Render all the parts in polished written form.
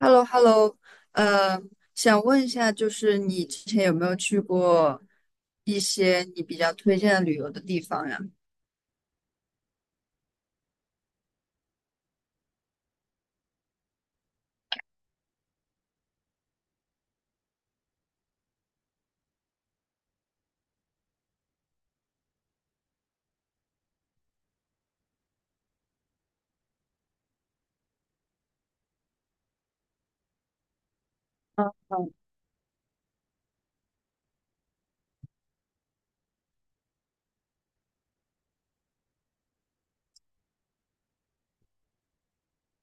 h e l l o h e l l o 呃，想问一下，就是你之前有没有去过一些你比较推荐的旅游的地方呀？嗯，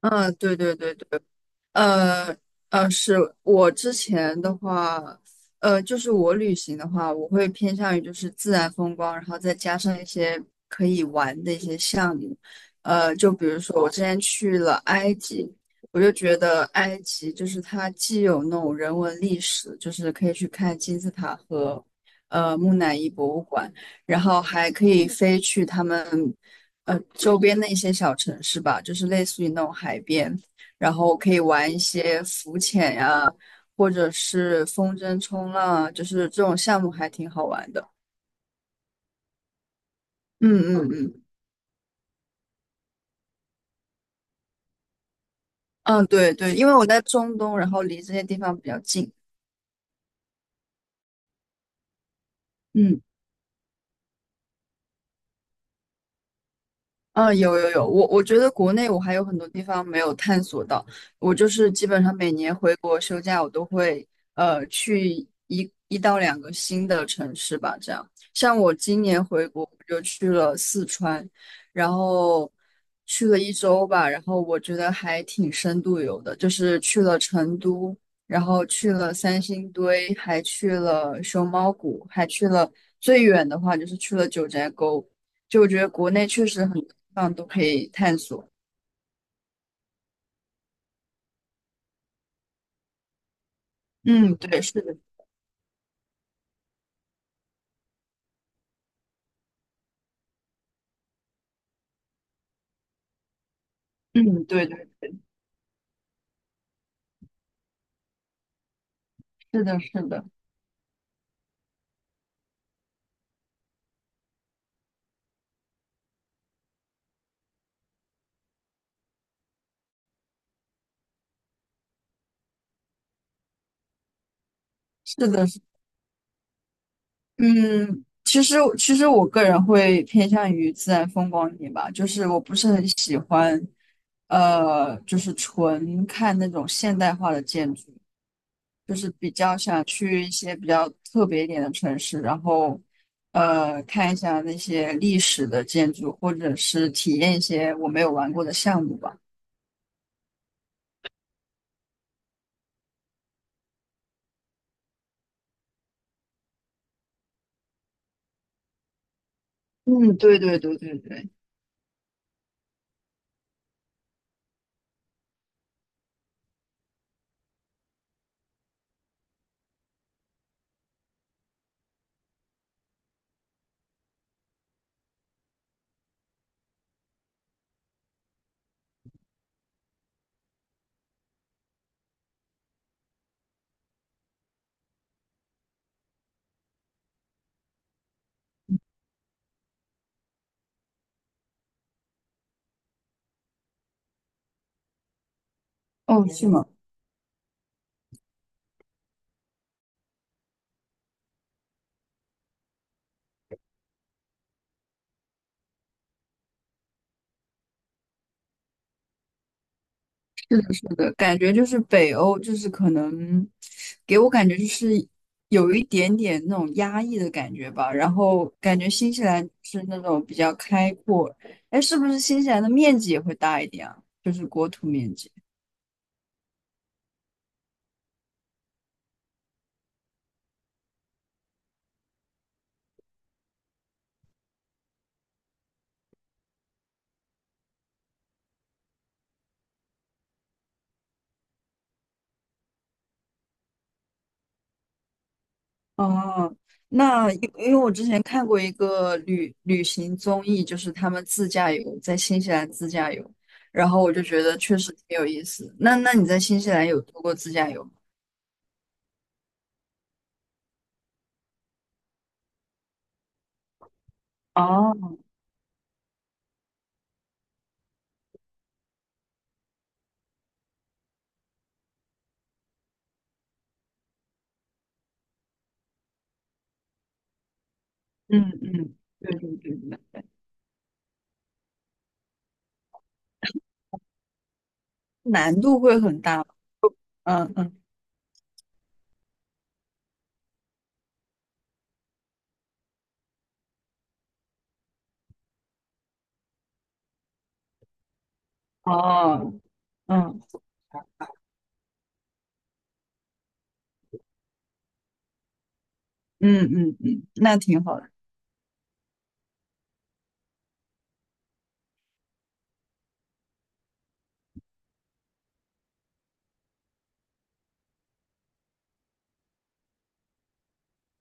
嗯对对对对，呃是我之前的话，就是我旅行的话，我会偏向于就是自然风光，然后再加上一些可以玩的一些项目。就比如说我之前去了埃及，我就觉得埃及就是它既有那种人文历史，就是可以去看金字塔和木乃伊博物馆，然后还可以飞去他们周边的一些小城市吧，就是类似于那种海边。然后可以玩一些浮潜呀、或者是风筝冲浪啊，就是这种项目还挺好玩的。嗯嗯嗯嗯，对对，因为我在中东，然后离这些地方比较近。嗯。嗯，有有有，我觉得国内我还有很多地方没有探索到。我就是基本上每年回国休假，我都会去一到两个新的城市吧。这样，像我今年回国，我就去了四川，然后去了1周吧。然后我觉得还挺深度游的，就是去了成都，然后去了三星堆，还去了熊猫谷，还去了最远的话就是去了九寨沟。就我觉得国内确实很多地方都可以探索。嗯，对，是的，嗯，对对，是的，是的，是的，是嗯，其实我个人会偏向于自然风光一点吧，就是我不是很喜欢，就是纯看那种现代化的建筑，就是比较想去一些比较特别一点的城市，然后看一下那些历史的建筑，或者是体验一些我没有玩过的项目吧。嗯，对对对对对。哦，是吗？是的，感觉就是北欧，就是可能给我感觉就是有一点点那种压抑的感觉吧。然后感觉新西兰是那种比较开阔。哎，是不是新西兰的面积也会大一点啊？就是国土面积。哦，那因为我之前看过一个旅行综艺，就是他们自驾游，在新西兰自驾游，然后我就觉得确实挺有意思。那那你在新西兰有做过自驾游吗？哦嗯嗯，对对对对，难度会很大嗯嗯，哦，嗯嗯嗯嗯，那挺好的。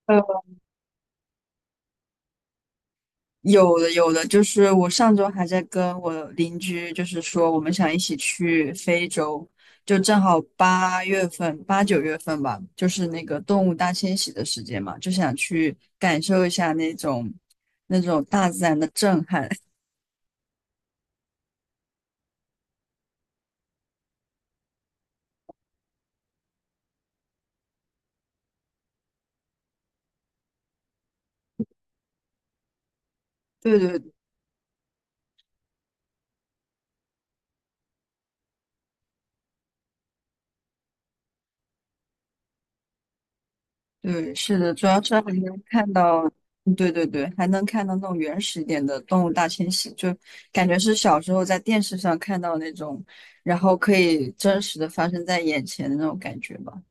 呃，有的有的，就是我上周还在跟我邻居，就是说我们想一起去非洲，就正好8月份、八九月份吧，就是那个动物大迁徙的时间嘛，就想去感受一下那种大自然的震撼。对对对，是的，主要是还能看到，嗯对对对，还能看到那种原始一点的动物大迁徙，就感觉是小时候在电视上看到那种，然后可以真实的发生在眼前的那种感觉吧。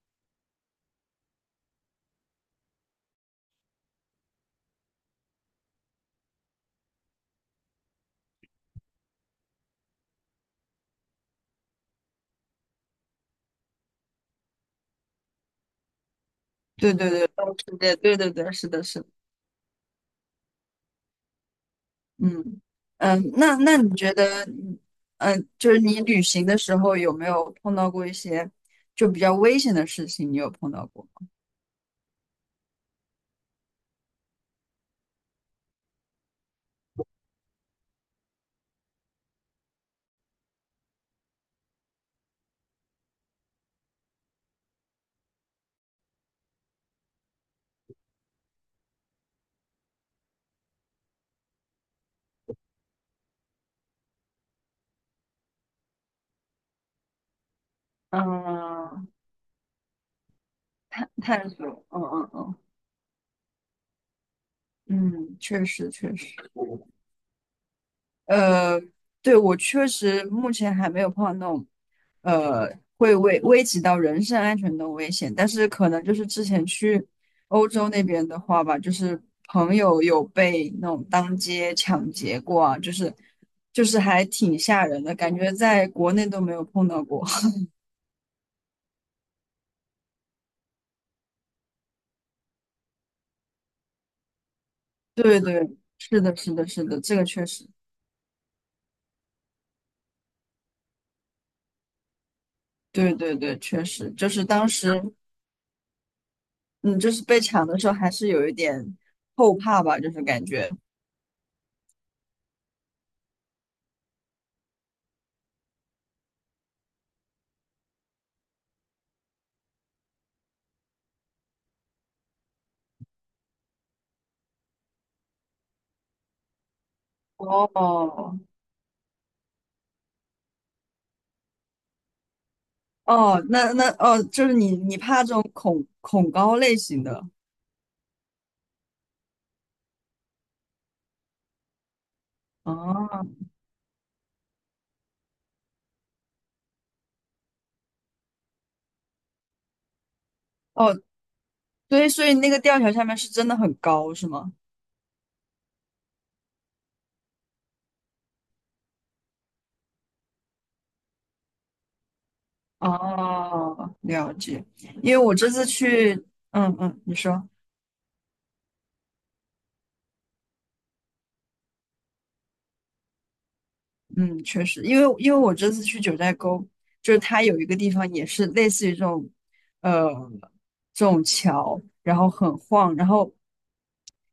对对对，动物世界对对对，是的，是的，嗯嗯，那你觉得，嗯，就是你旅行的时候有没有碰到过一些就比较危险的事情？你有碰到过吗？嗯，探索，嗯嗯嗯嗯，确实确实。呃，对，我确实目前还没有碰到那种，会危及到人身安全的危险，但是可能就是之前去欧洲那边的话吧，就是朋友有被那种当街抢劫过啊，就是还挺吓人的，感觉在国内都没有碰到过。对对，是的，是的，是的，这个确实，对对对，确实，就是当时，嗯，就是被抢的时候还是有一点后怕吧，就是感觉，哦。哦，那哦，就是你怕这种恐高类型的。哦哦，对，所以那个吊桥下面是真的很高，是吗？哦，了解。因为我这次去，嗯嗯，你说，嗯，确实，因为我这次去九寨沟，就是它有一个地方也是类似于这种，呃，这种桥，然后很晃，然后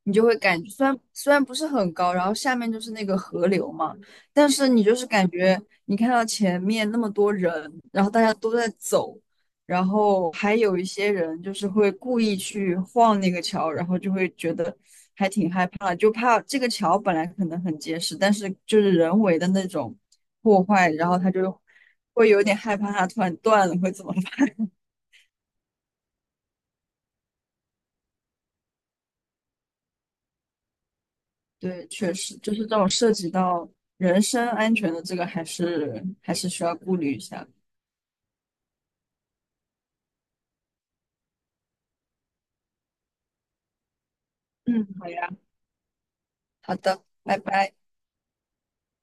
你就会感觉虽然不是很高，然后下面就是那个河流嘛，但是你就是感觉你看到前面那么多人，然后大家都在走，然后还有一些人就是会故意去晃那个桥，然后就会觉得还挺害怕，就怕这个桥本来可能很结实，但是就是人为的那种破坏，然后他就会有点害怕它突然断了会怎么。对，确实，就是这种涉及到人身安全的这个，还是需要顾虑一下的。嗯，好呀，好的，拜拜。